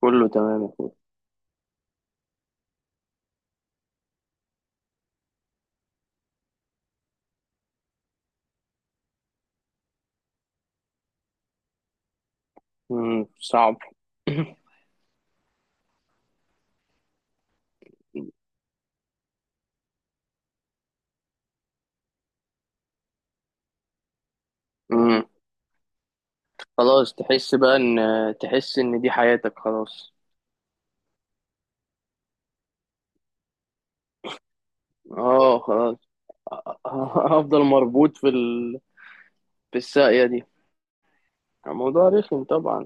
كله تمام يا اخويا. صعب. امم. خلاص تحس بقى ان، تحس ان دي حياتك خلاص. اه خلاص. هفضل مربوط في ال... في الساقية دي. الموضوع رخم طبعا.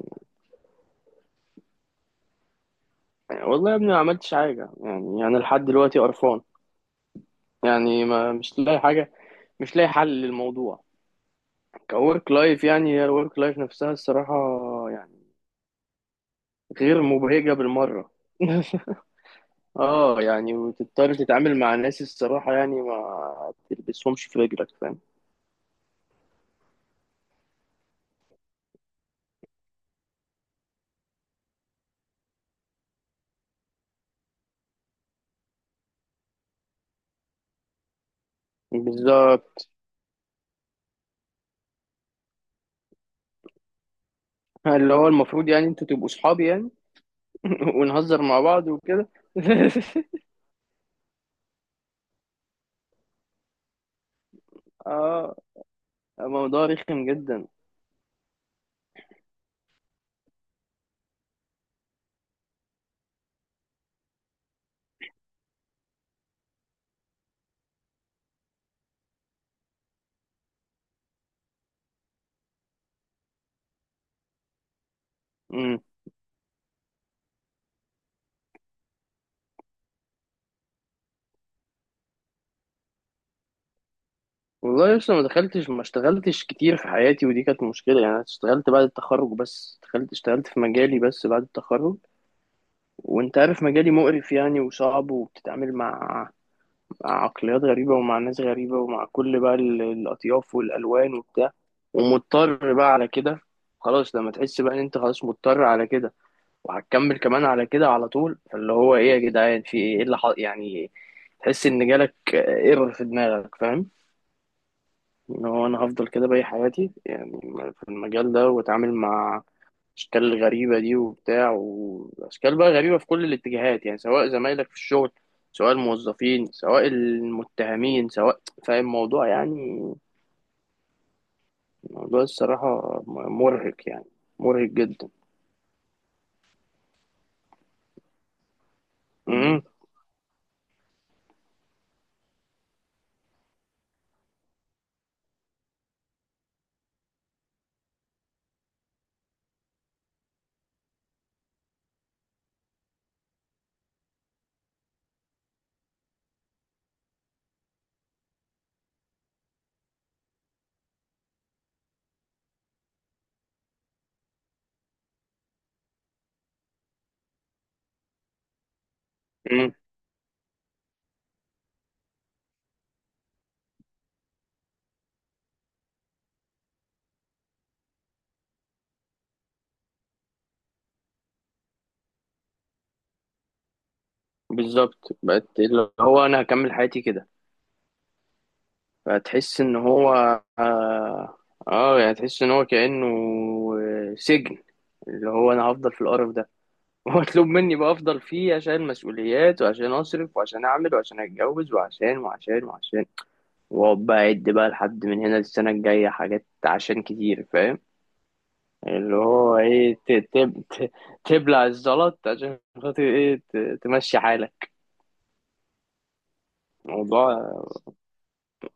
يعني والله يا ابني ما عملتش حاجة، يعني لحد دلوقتي قرفان. يعني ما مش لاقي حاجة، مش لاقي حل للموضوع. كورك لايف، يعني هي الورك لايف نفسها الصراحة، يعني، غير مبهجة بالمرة. اه، يعني وتضطر تتعامل مع ناس الصراحة يعني ما تلبسهمش في رجلك، فاهم. بالظبط. اللي هو المفروض يعني انتوا تبقوا صحابي يعني. ونهزر مع بعض وكده. اه. الموضوع رخم جدا. امم. والله لسه ما دخلتش، ما اشتغلتش كتير في حياتي، ودي كانت مشكلة. يعني انا اشتغلت بعد التخرج، بس اشتغلت في مجالي بس بعد التخرج. وانت عارف مجالي مقرف يعني، وصعب، وبتتعامل مع عقليات غريبة ومع ناس غريبة ومع كل بقى الأطياف والألوان وبتاع. ومضطر بقى على كده. خلاص لما تحس بقى إن أنت خلاص مضطر على كده، وهتكمل كمان على كده على طول. فاللي هو إيه يا جدعان، في إيه، إيه اللي حق يعني. تحس إن جالك ايرور في دماغك، فاهم. إن هو أنا هفضل كده باقي حياتي يعني، في المجال ده، وأتعامل مع اشكال غريبه دي وبتاع، واشكال بقى غريبه في كل الاتجاهات يعني، سواء زمايلك في الشغل، سواء الموظفين، سواء المتهمين، سواء، فاهم الموضوع يعني. موضوع الصراحه مرهق يعني، مرهق جدا. امم. امم. بالظبط، بقت اللي هو انا هكمل حياتي كده. فتحس ان هو، اه، يعني تحس ان هو كانه سجن. اللي هو انا هفضل في القرف ده، واطلب مني بقى افضل فيه عشان مسؤوليات، وعشان اصرف، وعشان اعمل، وعشان اتجوز، وعشان وعشان وعشان، واقعد بقى اعد بقى لحد من هنا للسنه الجايه حاجات عشان كتير، فاهم. اللي هو ايه، تبلع الزلط عشان خاطر ايه، تمشي حالك. موضوع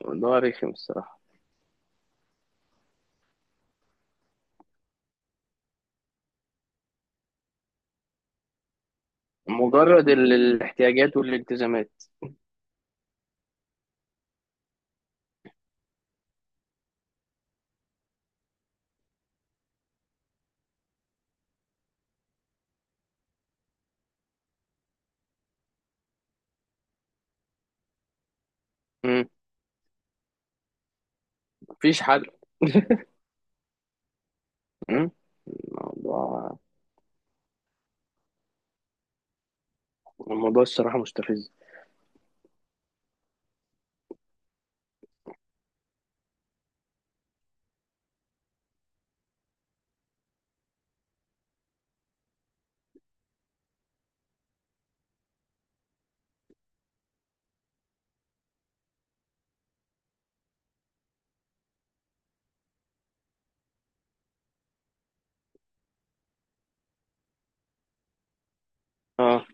موضوع رخم الصراحه. مجرد الاحتياجات والالتزامات. مم. مفيش حل. مم. الموضوع الموضوع الصراحه مستفز. آه.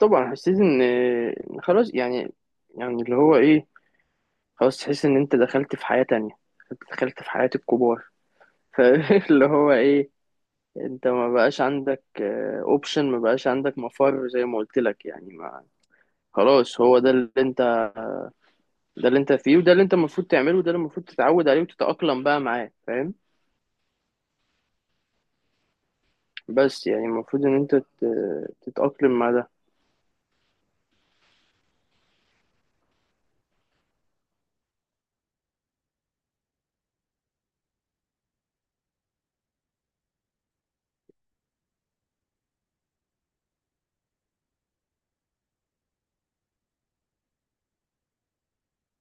طبعا حسيت ان إن خلاص يعني، يعني اللي هو ايه، خلاص تحس ان انت دخلت في حياة تانية، دخلت في حياة الكبار. فاللي هو ايه، انت ما بقاش عندك اوبشن، ما بقاش عندك مفر زي ما قلت لك يعني. ما خلاص هو ده اللي انت، ده اللي انت فيه، وده اللي انت المفروض تعمله، وده اللي المفروض تتعود عليه وتتأقلم بقى معاه، فاهم. بس يعني المفروض ان انت تتأقلم مع ده.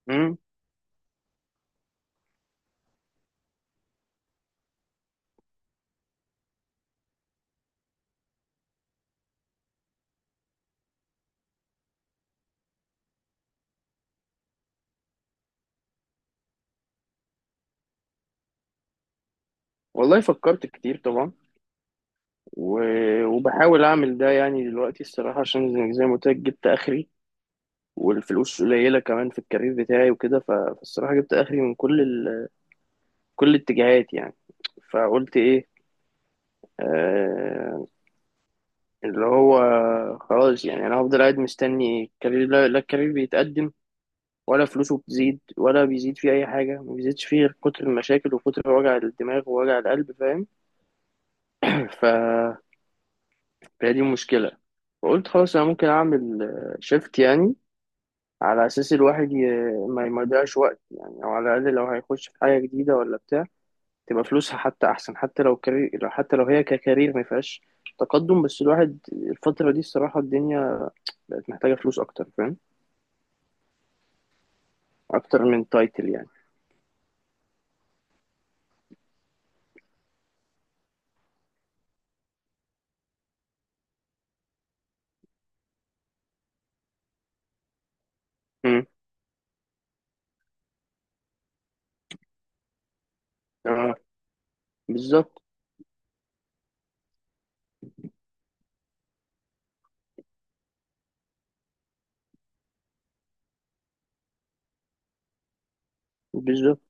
امم. والله فكرت كتير طبعا، وبحاول اعمل ده يعني دلوقتي الصراحه، عشان زي ما قلت لك جبت اخري. والفلوس قليله كمان في الكارير بتاعي وكده، فالصراحه جبت اخري من كل ال... كل الاتجاهات يعني. فقلت ايه، آه، اللي هو خلاص يعني انا هفضل قاعد مستني الكارير، لا, لا الكارير بيتقدم، ولا فلوسه بتزيد، ولا بيزيد فيه اي حاجه، ما بيزيدش فيه غير كتر المشاكل وكتر وجع الدماغ ووجع القلب، فاهم. ف فهي دي المشكله. فقلت خلاص انا ممكن اعمل شيفت يعني، على اساس الواحد ي... ما يضيعش وقت يعني، او على الاقل لو هيخش في حاجه جديده ولا بتاع، تبقى فلوسها حتى احسن، حتى لو كارير، لو حتى لو هي ككارير ما فيهاش تقدم. بس الواحد الفتره دي الصراحه الدنيا بقت محتاجه فلوس اكتر، فاهم، اكتر من تايتل يعني. امم. اه. بالظبط، بالظبط.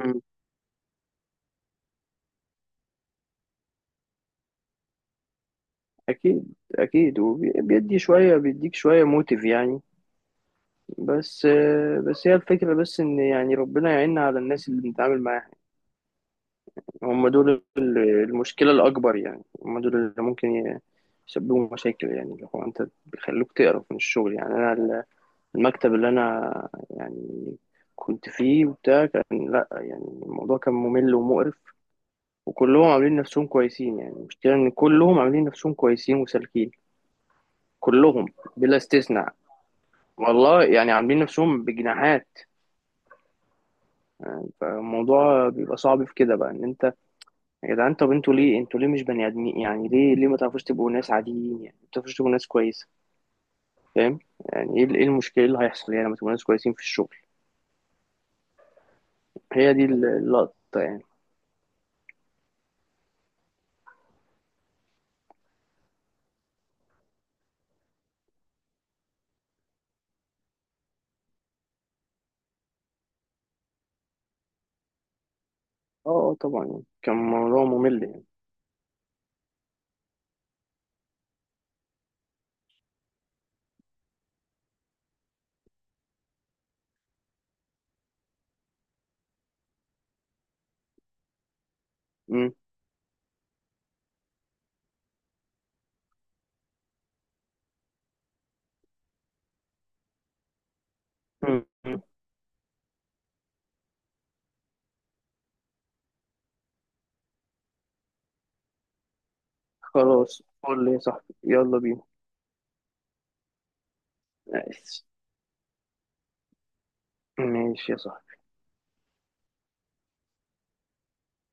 امم. اكيد اكيد، وبيدي شويه، بيديك شويه موتيف يعني. بس هي الفكره بس ان يعني ربنا يعيننا على الناس اللي بنتعامل معاها. هم دول المشكلة الأكبر يعني، هم دول اللي ممكن يسببوا مشاكل يعني، اللي هو أنت بيخلوك تقرف من الشغل. يعني أنا المكتب اللي أنا يعني كنت فيه وبتاع كان لأ، يعني الموضوع كان ممل ومقرف، وكلهم عاملين نفسهم كويسين. يعني المشكلة إن كلهم عاملين نفسهم كويسين وسالكين. كلهم بلا استثناء، والله يعني عاملين نفسهم بجناحات. فالموضوع بيبقى صعب في كده بقى، إن أنت، يا جدعان، طب انتوا ليه، انتوا ليه مش بني ادمين يعني، ليه ليه ما تعرفوش تبقوا ناس عاديين يعني، ما تعرفوش تبقوا ناس كويسه، فاهم. يعني ايه ايه المشكله، إيه اللي هيحصل يعني لما تبقوا ناس كويسين في الشغل. هي دي اللقطه يعني. اه، طبعا يعني كان موضوع ممل يعني. مم. مم. خلاص قول لي يا صاحبي، يلا بينا. ماشي. ماشي يا صاحبي.